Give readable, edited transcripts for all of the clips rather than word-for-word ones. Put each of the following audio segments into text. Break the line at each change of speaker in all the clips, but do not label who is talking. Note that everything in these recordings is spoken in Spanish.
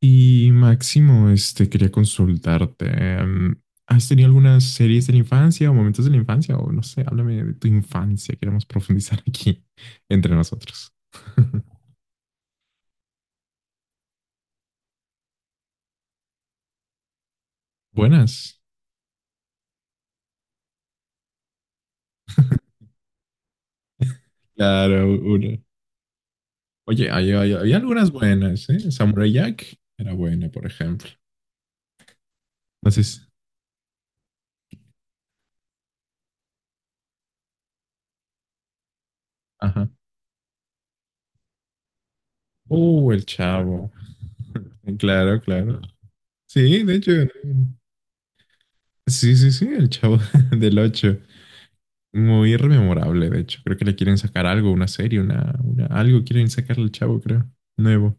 Y Máximo, quería consultarte. em, ¿Has tenido algunas series de la infancia o momentos de la infancia? O no sé, háblame de tu infancia. Queremos profundizar aquí entre nosotros. Buenas. Claro, una. Oye, había algunas buenas, ¿eh? Samurai Jack era buena, por ejemplo. Entonces, ajá. El chavo. Claro, claro. Sí, de hecho. Sí, sí, sí, el chavo del 8. Muy rememorable, de hecho. Creo que le quieren sacar algo, una serie, una algo quieren sacarle al chavo, creo. Nuevo.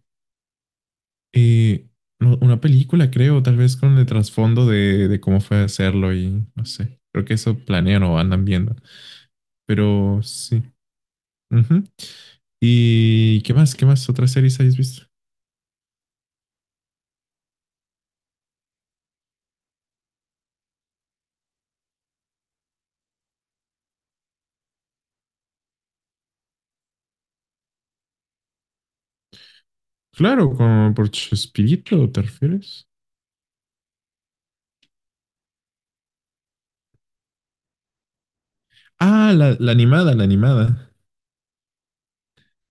Eh, no, una película, creo, tal vez con el trasfondo de cómo fue hacerlo y no sé. Creo que eso planean o andan viendo. Pero sí. Ujú. ¿Y qué más? ¿Qué más otras series habéis visto? Claro, como por Chespirito, ¿te refieres? Ah, la animada, la animada.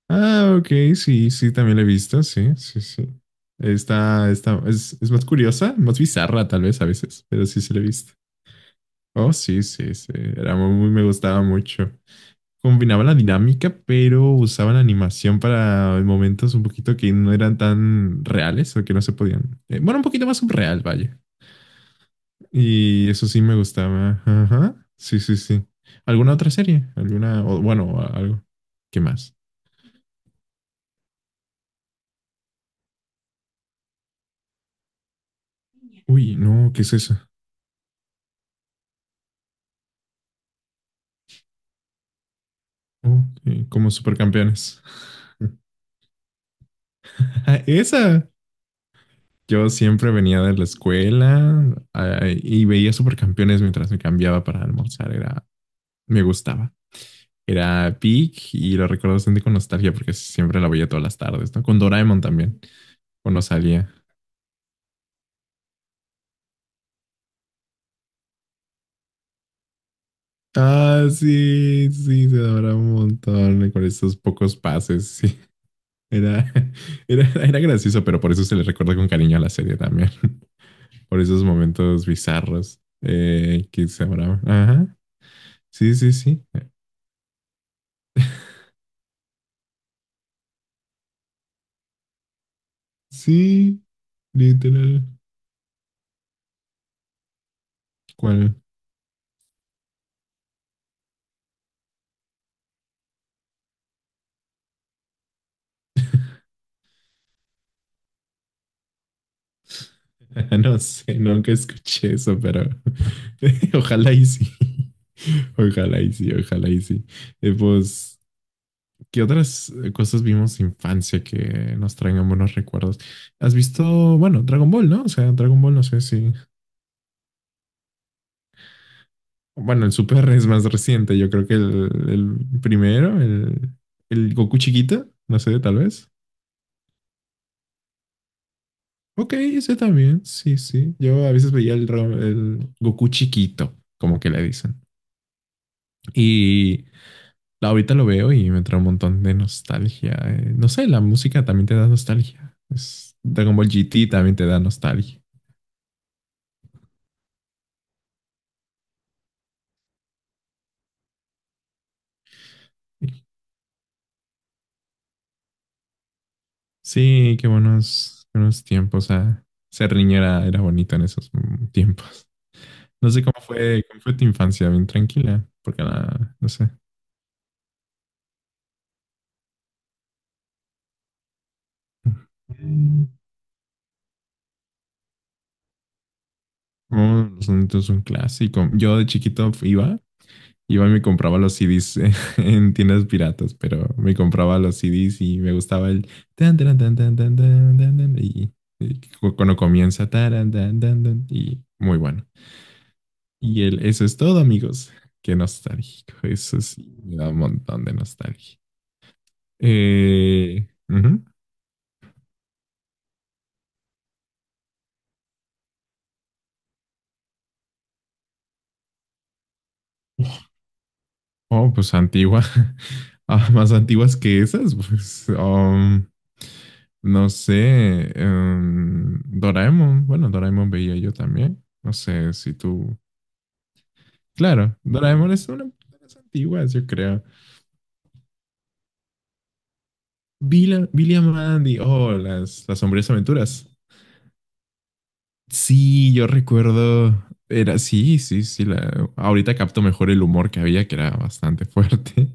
Ah, ok, sí, sí, también la he visto, sí, sí, sí. Está, es más curiosa, más bizarra tal vez a veces, pero sí se la he visto. Oh, sí, sí, sí, era muy, me gustaba mucho. Combinaba la dinámica, pero usaban animación para momentos un poquito que no eran tan reales o que no se podían. Bueno, un poquito más subreal, vaya. Y eso sí me gustaba. Ajá, sí, sí, sí. ¿Alguna otra serie? ¿Alguna, o, bueno, algo? ¿Qué más? Uy, no, ¿qué es eso? Ok, como supercampeones. Esa. Yo siempre venía de la escuela y veía supercampeones mientras me cambiaba para almorzar. Era, me gustaba. Era peak y lo recuerdo bastante con nostalgia porque siempre la veía todas las tardes, ¿no? Con Doraemon también, cuando salía. Ah, sí, sí, se adoraba un montón con esos pocos pases. Sí, era, era gracioso, pero por eso se le recuerda con cariño a la serie también. Por esos momentos bizarros que se habrá. Ajá. Sí, sí, sí. Sí, literal. ¿Cuál? No sé, nunca escuché eso, pero ojalá y sí. Ojalá y sí, ojalá y sí. Pues, ¿qué otras cosas vimos de infancia que nos traigan buenos recuerdos? ¿Has visto, bueno, Dragon Ball, ¿no? O sea, Dragon Ball, no sé si, bueno, el Super es más reciente. Yo creo que el, primero, el Goku chiquito, no sé, tal vez. Ok, ese también, sí, sí. Yo a veces veía el Goku chiquito, como que le dicen. Y ahorita lo veo y me trae un montón de nostalgia. No sé, la música también te da nostalgia. Dragon Ball GT también te da nostalgia. Sí, qué buenos, buenos tiempos. Ah. Ser niñera era bonito en esos tiempos. No sé cómo fue tu infancia, bien tranquila, porque nada, no sé. Mm. Oh, los sonidos son un clásico. Yo de chiquito iba y me compraba los CDs en tiendas piratas, pero me compraba los CDs y me gustaba el tan tan tan tan tan tan tan tan y cuando comienza taran, tan tan tan y muy bueno. Y el eso es todo, amigos. Qué nostálgico. Eso sí, me da un montón de nostalgia. Ujú. Oh, pues antigua. Ah, más antiguas que esas, pues. No sé. Doraemon. Bueno, Doraemon veía yo también. No sé si tú. Claro, Doraemon es una de las antiguas, yo creo. Billy and Mandy. Oh, las sombrías aventuras. Sí, yo recuerdo. Era, sí, sí, sí. Ahorita capto mejor el humor que había, que era bastante fuerte.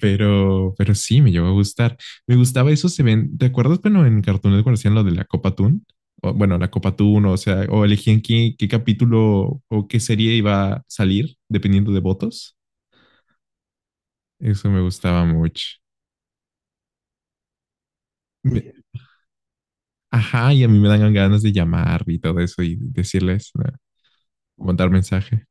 Pero sí, me llegó a gustar. Me gustaba eso, se ven, ¿te acuerdas cuando en Cartoon Network hacían lo de la Copa Toon? O, bueno, la Copa Toon, o sea, o elegían qué capítulo o qué serie iba a salir, dependiendo de votos. Eso me gustaba mucho. Me- ajá, y a mí me dan ganas de llamar y todo eso y decirles, ¿no? Mandar mensaje.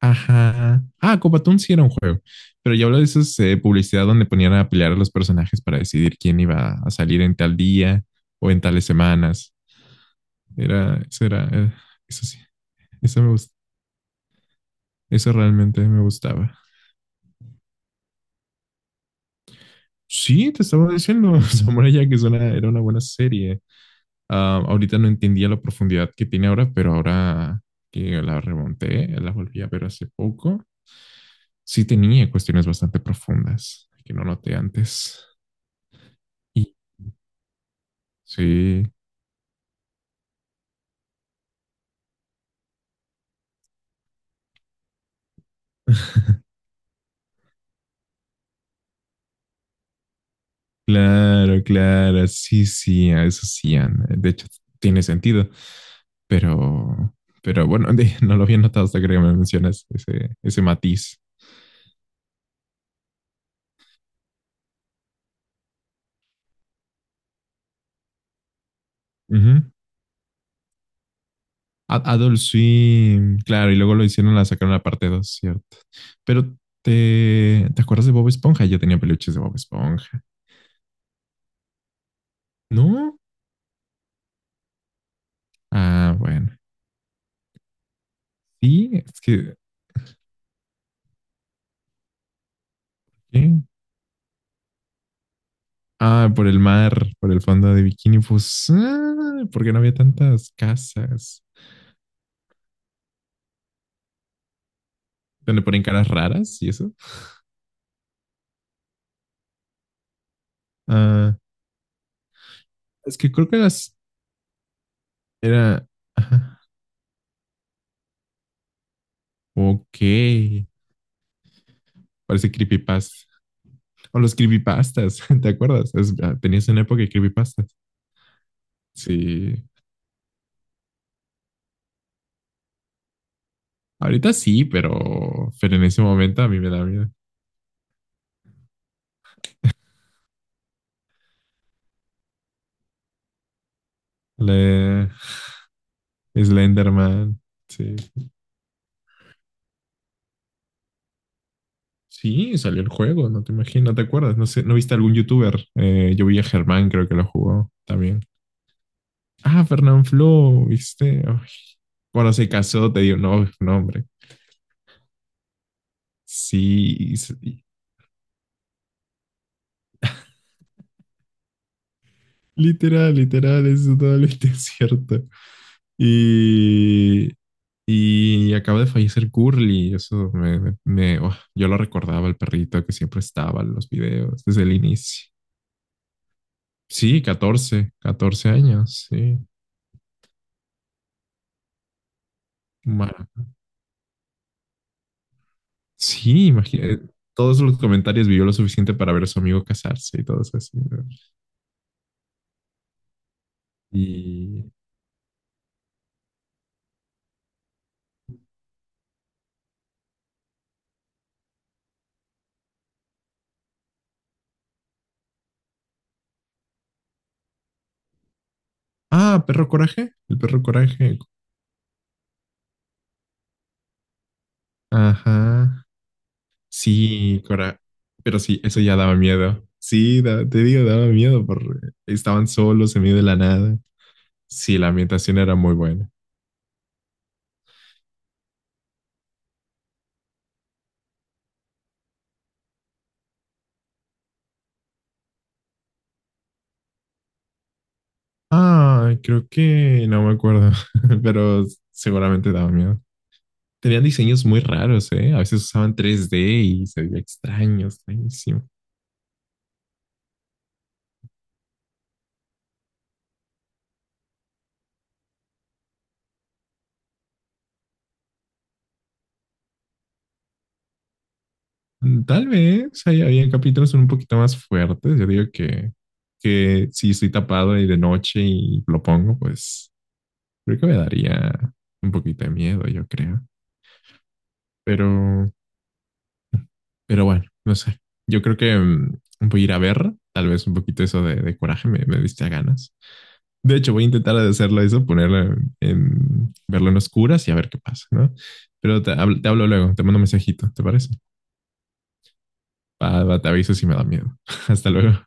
Ajá. Ah, Copa Toon sí era un juego, pero yo hablo de esas publicidad donde ponían a pelear a los personajes para decidir quién iba a salir en tal día o en tales semanas. Era, eso sí, eso, eso realmente me gustaba. Sí, te estaba diciendo, Samurai Jack era una buena serie. Ah, ahorita no entendía la profundidad que tiene ahora, pero ahora que la remonté, la volví a ver hace poco, sí tenía cuestiones bastante profundas que no noté antes. Y sí, claro, claro, sí, sí, a eso sí, Ana. De hecho, tiene sentido. Pero, pero bueno, no lo había notado hasta que me mencionas ese matiz. Ujú. Adult Swim, claro, y luego lo hicieron, la sacaron la parte 2, ¿cierto? Pero ¿te acuerdas de Bob Esponja? Yo tenía peluches de Bob Esponja. ¿No? Ah, bueno. Sí, es que, ¿qué? Ah, por el mar, por el fondo de bikini, pues, ah, porque no había tantas casas donde ponen caras raras y eso. Ah, es que creo que las era. Ajá. Ok. Parece creepypasta. O los creepypastas, ¿te acuerdas? Tenías una época de creepypastas. Sí. Ahorita sí, pero, en ese momento a mí me da miedo. Le- Slenderman. Sí. Sí, salió el juego, no te imaginas, ¿no te acuerdas? No sé, ¿no viste algún youtuber? Yo vi a Germán, creo que lo jugó también. Ah, Fernán Flo, ¿viste? Ay. Cuando se casó, te dio no, no, hombre. Sí, sí. Literal, literal, eso es totalmente cierto. Y, Y acaba de fallecer Curly, eso oh, yo lo recordaba, el perrito que siempre estaba en los videos desde el inicio. Sí, catorce años, sí. Mara- Sí, imagínate, todos los comentarios, vivió lo suficiente para ver a su amigo casarse y todo eso así, ¿no? Y... Ah, perro coraje, el perro coraje. Ajá, sí, cora... Pero sí, eso ya daba miedo. Sí, te digo, daba miedo porque estaban solos en medio de la nada. Sí, la ambientación era muy buena. Ah, creo que no me acuerdo, pero seguramente daba miedo. Tenían diseños muy raros, ¿eh? A veces usaban 3D y se veía extraño, extrañísimo. Tal vez ahí había capítulos un poquito más fuertes. Yo digo que, si estoy tapado y de noche y lo pongo, pues creo que me daría un poquito de miedo, yo creo. Pero, pero bueno, no sé. Yo creo que voy a ir a ver, tal vez un poquito eso de coraje me diste a ganas. De hecho, voy a intentar hacerlo eso, ponerlo verlo en oscuras y a ver qué pasa, ¿no? Pero te hablo luego, te mando un mensajito, ¿te parece? Va, va, te aviso si me da miedo. Hasta luego.